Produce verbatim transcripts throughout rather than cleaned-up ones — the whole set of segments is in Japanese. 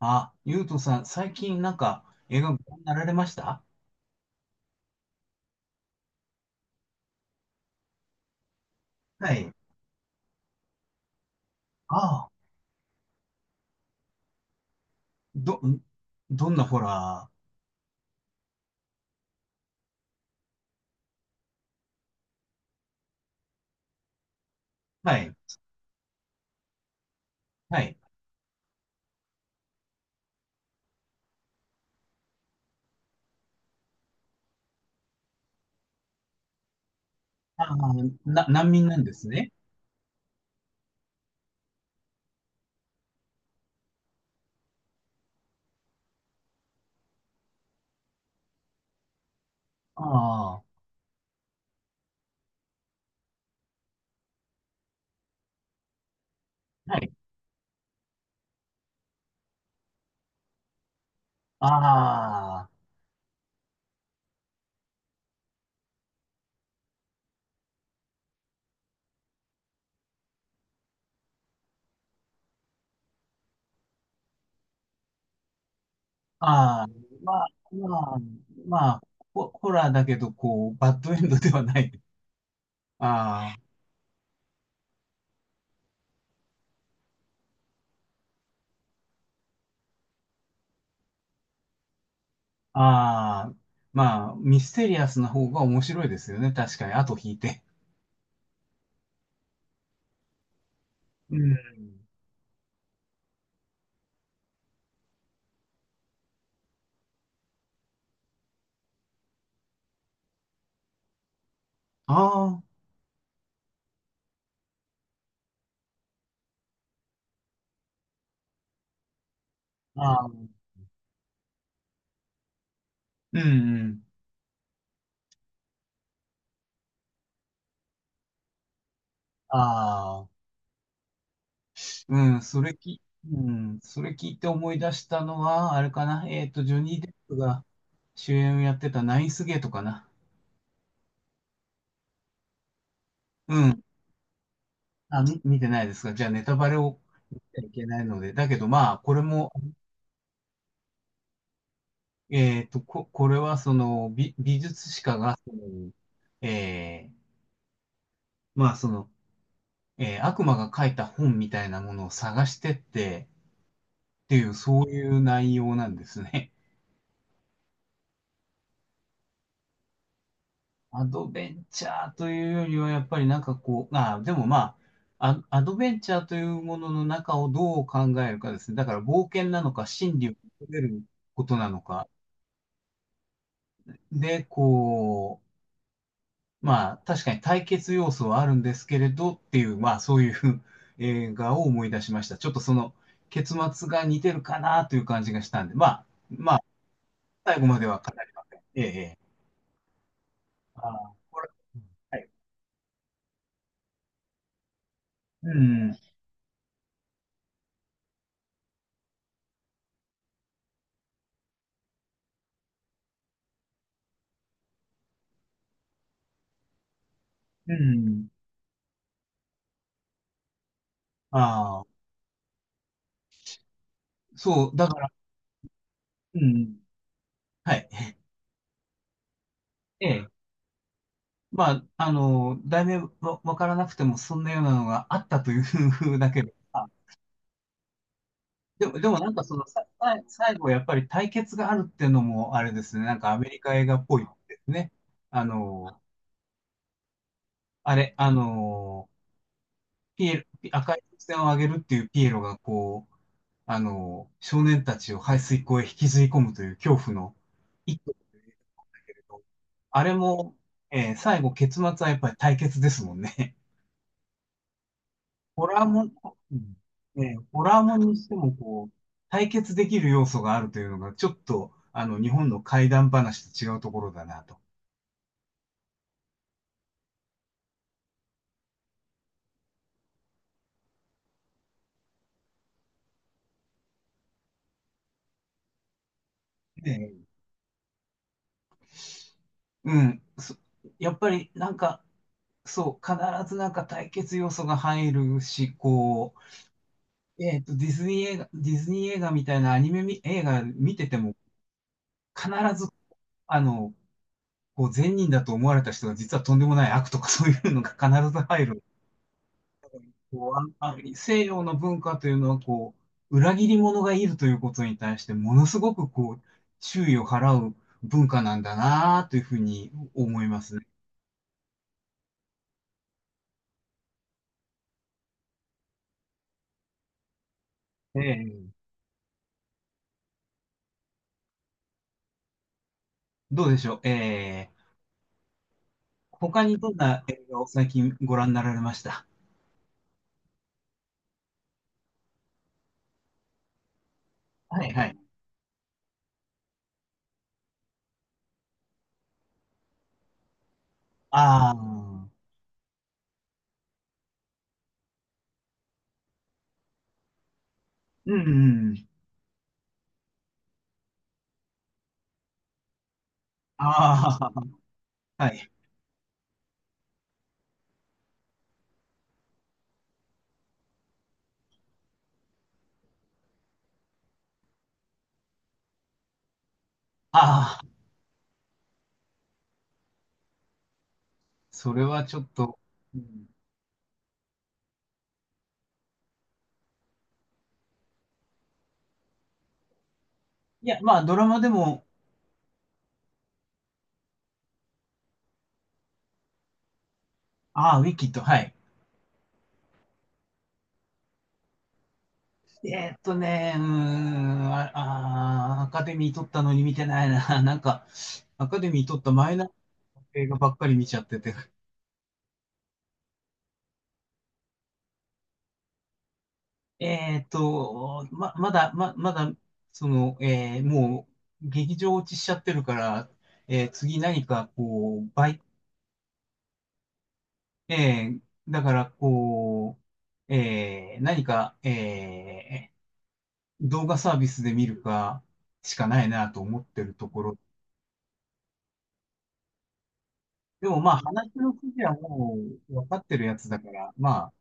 あ、ゆうとさん、最近なんか映画ご覧になられました？はい。ああ、ど、んどんなホラー？はい。はい。ああ、な、難民なんですね。ああ、はい。ああ、ああ、まあ、まあ、まあ、ホ、ホラーだけど、こう、バッドエンドではない。ああ、ああ、まあ、ミステリアスな方が面白いですよね。確かに、後引いて。うん。ああ、ああ、うん、うん。ああ。うん、それき、うん、それ聞いて思い出したのは、あれかな、えっと、ジョニー・デップが主演をやってたナインスゲートかな。うん。あ、み見てないですか？じゃあ、ネタバレを言っちゃいけないので。だけど、まあ、これも、えっと、こ、これは、その、美、美術史家が、その、えー、まあ、その、えー悪魔が書いた本みたいなものを探してって、っていう、そういう内容なんですね。アドベンチャーというよりは、やっぱりなんかこう、あ、でもまあ、ア、アドベンチャーというものの中をどう考えるかですね。だから冒険なのか、真理を求めることなのか。で、こう、まあ、確かに対決要素はあるんですけれどっていう、まあ、そういう 映画を思い出しました。ちょっとその結末が似てるかなという感じがしたんで、まあ、まあ、最後までは語りません。ええ、ええ。ああ、これ、はい。うん、うん、ああ。そう、だから、うん、はい。ええ。まあ、あの、題名わ、わからなくても、そんなようなのがあったというふうだけど、あ、でも、でもなんかその、さ、さ最後やっぱり対決があるっていうのも、あれですね、なんかアメリカ映画っぽいですね。あの、あれ、あの、ピエロ、赤い風船をあげるっていうピエロが、こう、あの、少年たちを排水溝へ引きずり込むという恐怖の一個あれも、えー最後結末はやっぱり対決ですもんね。ホラーもん、うんえーホラーもんにしてもこう、対決できる要素があるというのが、ちょっと、あの、日本の怪談話と違うところだなと。ね、うん。そ、やっぱりなんか、そう、必ずなんか対決要素が入るし、こう、えっと、ディズニー映画、ディズニー映画みたいなアニメみ映画見てても、必ず、あの、こう善人だと思われた人が実はとんでもない悪とかそういうのが必ず入る。こうあんあ西洋の文化というのはこう、裏切り者がいるということに対してものすごくこう、注意を払う文化なんだなというふうに思いますね。ええ、どうでしょう。ええ、他にどんな映画を最近ご覧になられました？はいはい。ああ、うん、うん。ああ、はい。ああ、それはちょっと。うん、いや、まあ、ドラマでも。ああ、ウィキッド、はい。えーっとね、うーん、ああー、アカデミー取ったのに見てないな。なんか、アカデミー取ったマイナー映画ばっかり見ちゃってて。えーっと、ま、まだ、ま、まだ、その、えーもう、劇場落ちしちゃってるから、えー次何か、こう、倍、えーだから、こう、えー何か、えー動画サービスで見るか、しかないなと思ってるところ。でもまあ話の筋はもう分かってるやつだから、まあ、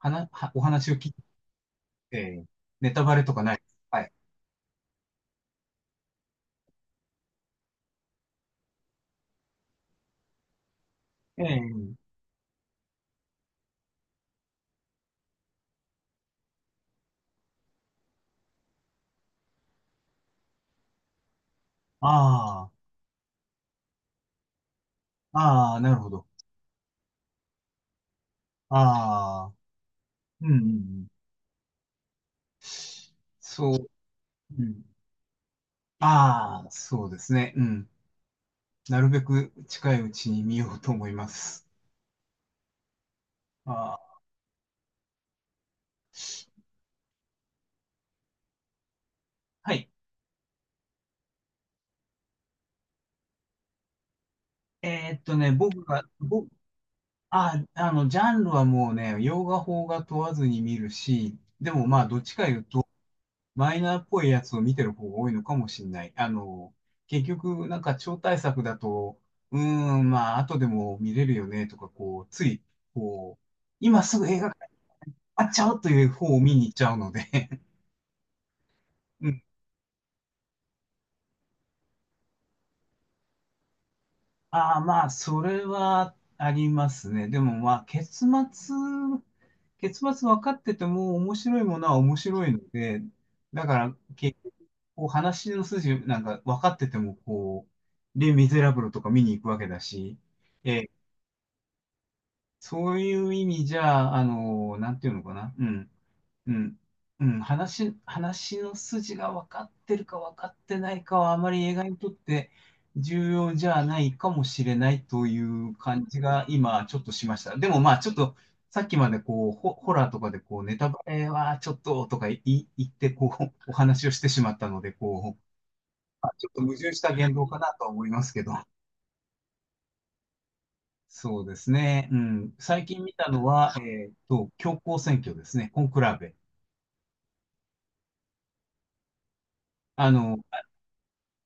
はな、はお話を聞いて、ネタバレとかないです。はい。ええ、ああ、ああ、なるほど。ああ、うん、うんうん、そう、うん。ああ、そうですね。うん。なるべく近いうちに見ようと思います。ああ、はい。えーっとね、僕が、僕、ああ、あの、ジャンルはもうね、洋画、邦画問わずに見るし、でもまあ、どっちか言うと、マイナーっぽいやつを見てる方が多いのかもしれない。あの、結局、なんか超大作だと、うーん、まあ、後でも見れるよね、とか、こう、つい、こう、今すぐ映画館にあっちゃうという方を見に行っちゃうので うん、ああ、まあ、それはありますね。でも、まあ、結末、結末分かってても面白いものは面白いので、だから、結局、こう話の筋なんか分かってても、こう、レ・ミゼラブルとか見に行くわけだし、ええ、そういう意味じゃ、あの、なんていうのかな、うん。うん。うん、話、話の筋が分かってるか分かってないかはあまり映画にとって重要じゃないかもしれないという感じが今ちょっとしました。でもまあちょっとさっきまでこうホ、ホラーとかでこうネタバレはちょっととかい言ってこうお話をしてしまったのでこう、まあちょっと矛盾した言動かなとは思いますけど。そうですね。うん。最近見たのは、えっと、教皇選挙ですね。コンクラーベ。あの、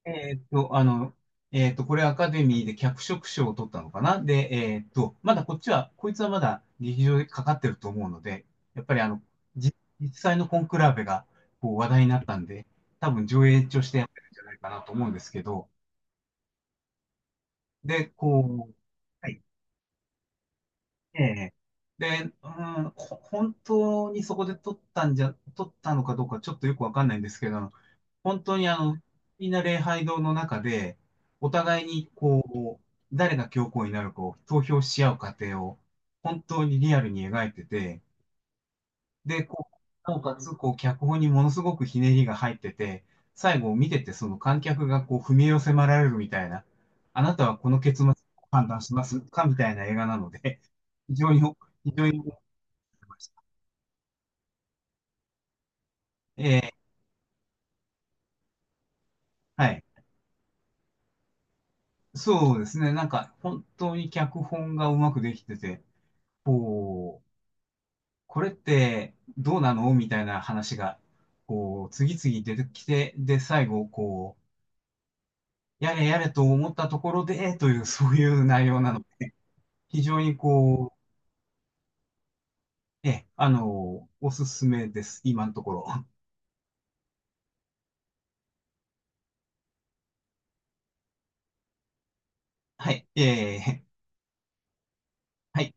えーっと、あの、えーっと、これアカデミーで脚色賞を取ったのかな。で、えーっと、まだこっちは、こいつはまだ劇場でかかってると思うので、やっぱりあの、じ実際のコンクラーベがこう話題になったんで、多分上映としてやってるんじゃないかなと思うんですけど、で、こう、はい、ええ、で、うん、ほ本当にそこで撮ったんじゃ、撮ったのかどうかちょっとよくわかんないんですけど、本当にあの、みんな礼拝堂の中で、お互いにこう、誰が教皇になるかを投票し合う過程を、本当にリアルに描いてて、で、こう、なおかつ、こう、脚本にものすごくひねりが入ってて、最後見てて、その観客がこう、踏み絵を迫られるみたいな、あなたはこの結末を判断しますかみたいな映画なので、非常に、非常に、えーはい。そうですね。なんか、本当に脚本がうまくできてて、こう、これってどうなのみたいな話が、こう、次々出てきて、で、最後、こう、やれやれと思ったところで、という、そういう内容なので、非常にこう、え、あの、おすすめです、今のところ。はい、えーはい。